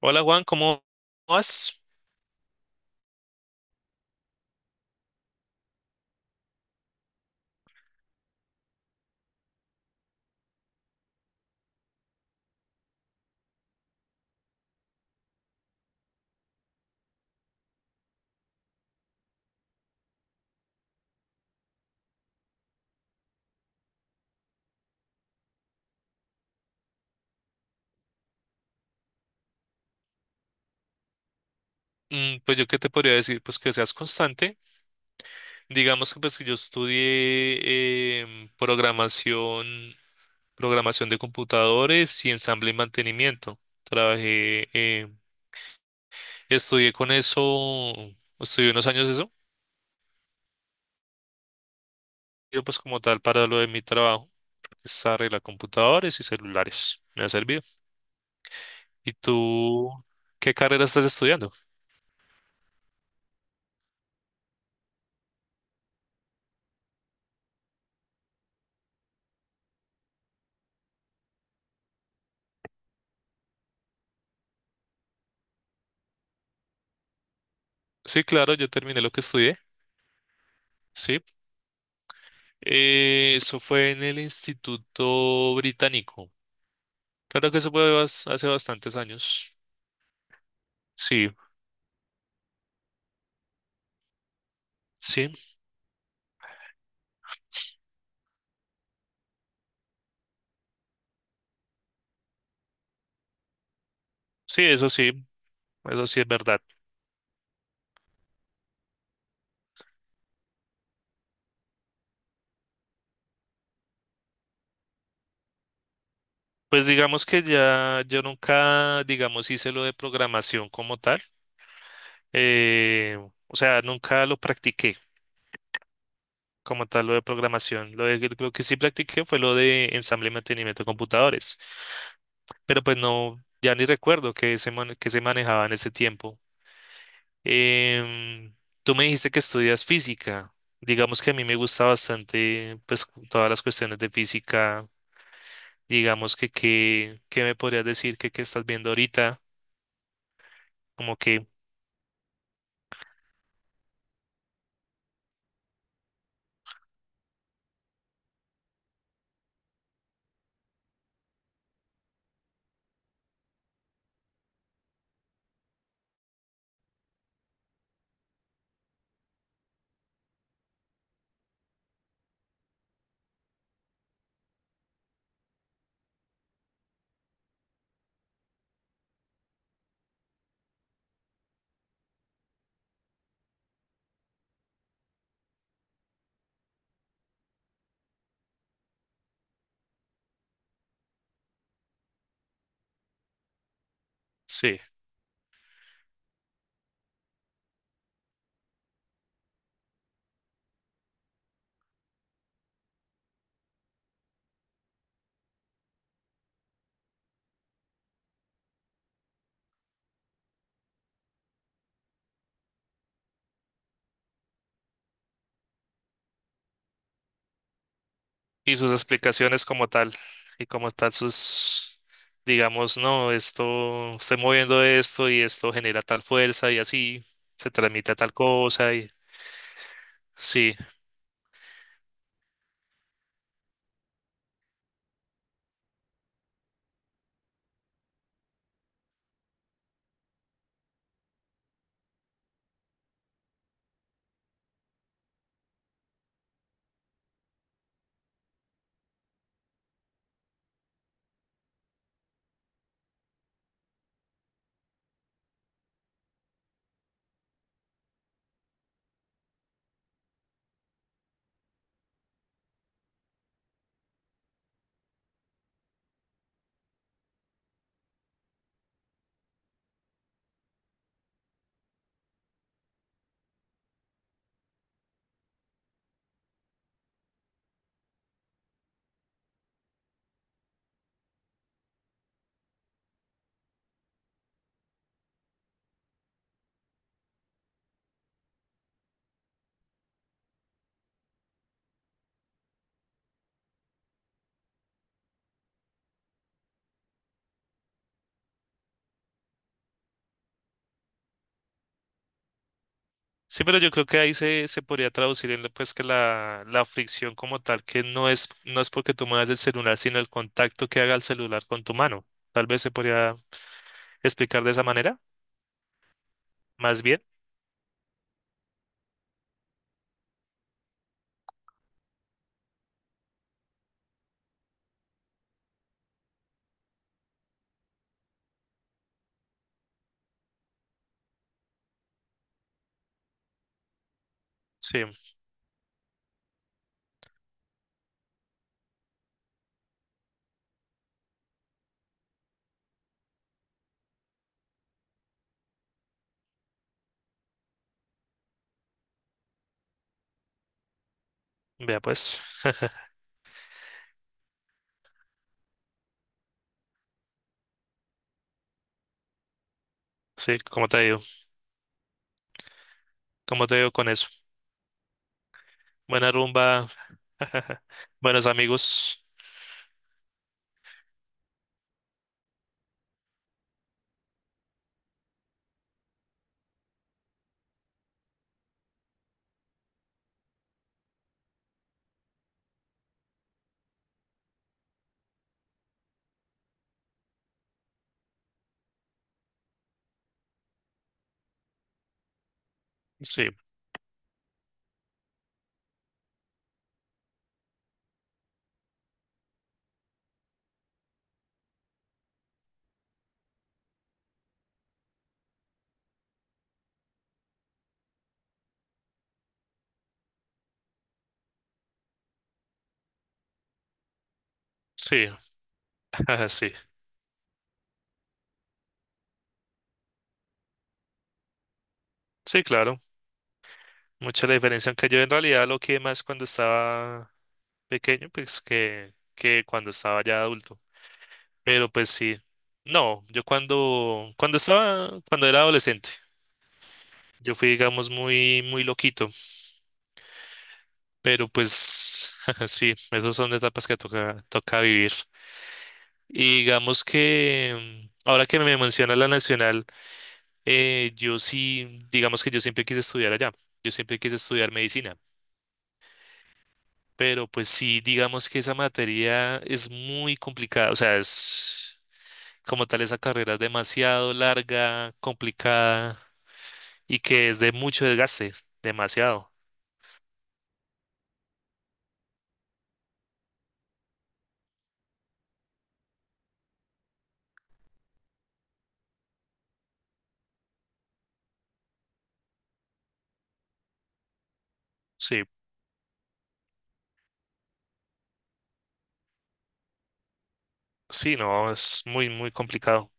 Hola Juan, ¿cómo vas? Pues yo qué te podría decir, pues que seas constante. Digamos que pues que yo estudié programación, programación de computadores y ensamble y mantenimiento. Trabajé, estudié con eso, estudié unos años eso. Yo pues como tal para lo de mi trabajo, es arreglar computadores y celulares. Me ha servido. ¿Y tú qué carrera estás estudiando? Sí, claro, yo terminé lo que estudié. Sí, eso fue en el Instituto Británico. Claro que eso fue hace bastantes años. Sí, sí, sí, eso sí, eso sí es verdad. Pues digamos que ya yo nunca, digamos, hice lo de programación como tal. Eh, o sea, nunca lo practiqué como tal lo de programación. Lo de, lo que sí practiqué fue lo de ensamble y mantenimiento de computadores. Pero pues no, ya ni recuerdo que se manejaba en ese tiempo. Em, tú me dijiste que estudias física. Digamos que a mí me gusta bastante, pues, todas las cuestiones de física. Digamos que, qué me podrías decir que, qué estás viendo ahorita, como que, sí, y sus explicaciones como tal, y como tal sus, digamos, no, esto, estoy moviendo esto y esto genera tal fuerza y así, se transmite a tal cosa y sí. Sí, pero yo creo que ahí se, se podría traducir en lo, pues que la fricción como tal, que no es, no es porque tú muevas el celular, sino el contacto que haga el celular con tu mano. Tal vez se podría explicar de esa manera, más bien. Sí, vea pues, sí, como te digo con eso. Buena rumba, buenos amigos. Sí, sí, sí, sí, claro. Mucha la diferencia, aunque yo en realidad lo que más cuando estaba pequeño, pues que cuando estaba ya adulto. Pero pues sí. No, yo cuando estaba, cuando era adolescente, yo fui, digamos, muy, muy loquito. Pero pues sí, esas son etapas que toca, toca vivir. Y digamos que ahora que me menciona la nacional, yo sí, digamos que yo siempre quise estudiar allá. Yo siempre quise estudiar medicina. Pero pues sí, digamos que esa materia es muy complicada. O sea, es como tal, esa carrera es demasiado larga, complicada. Y que es de mucho desgaste, demasiado. Sí, sí, no, es muy, muy complicado.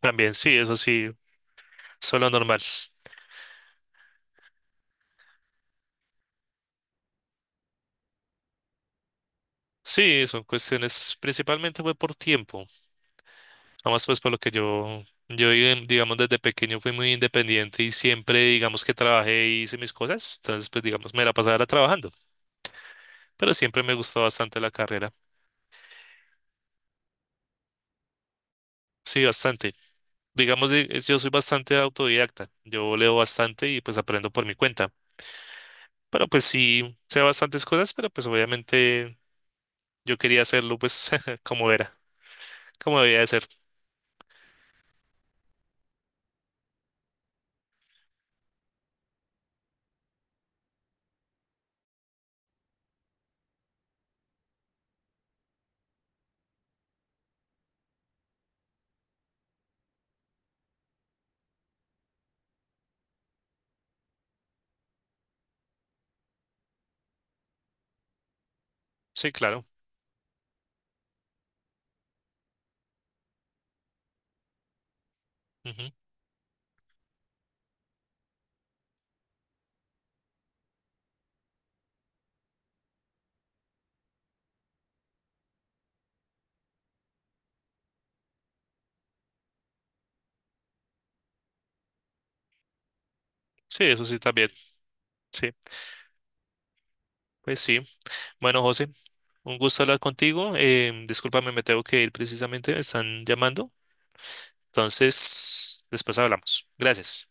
También, sí, eso sí, solo normal. Sí, son cuestiones, principalmente fue por tiempo. Además, pues por lo que yo digamos desde pequeño fui muy independiente y siempre digamos que trabajé y hice mis cosas. Entonces, pues digamos, me la pasaba era trabajando, pero siempre me gustó bastante la carrera. Sí, bastante. Digamos, yo soy bastante autodidacta. Yo leo bastante y pues aprendo por mi cuenta. Pero pues sí, sé bastantes cosas, pero pues obviamente yo quería hacerlo pues como era, como debía de ser. Sí, claro. Ujú. Sí, eso sí también. Sí, pues sí. Bueno, José, un gusto hablar contigo. Discúlpame, me tengo que ir precisamente, me están llamando. Entonces, después hablamos. Gracias.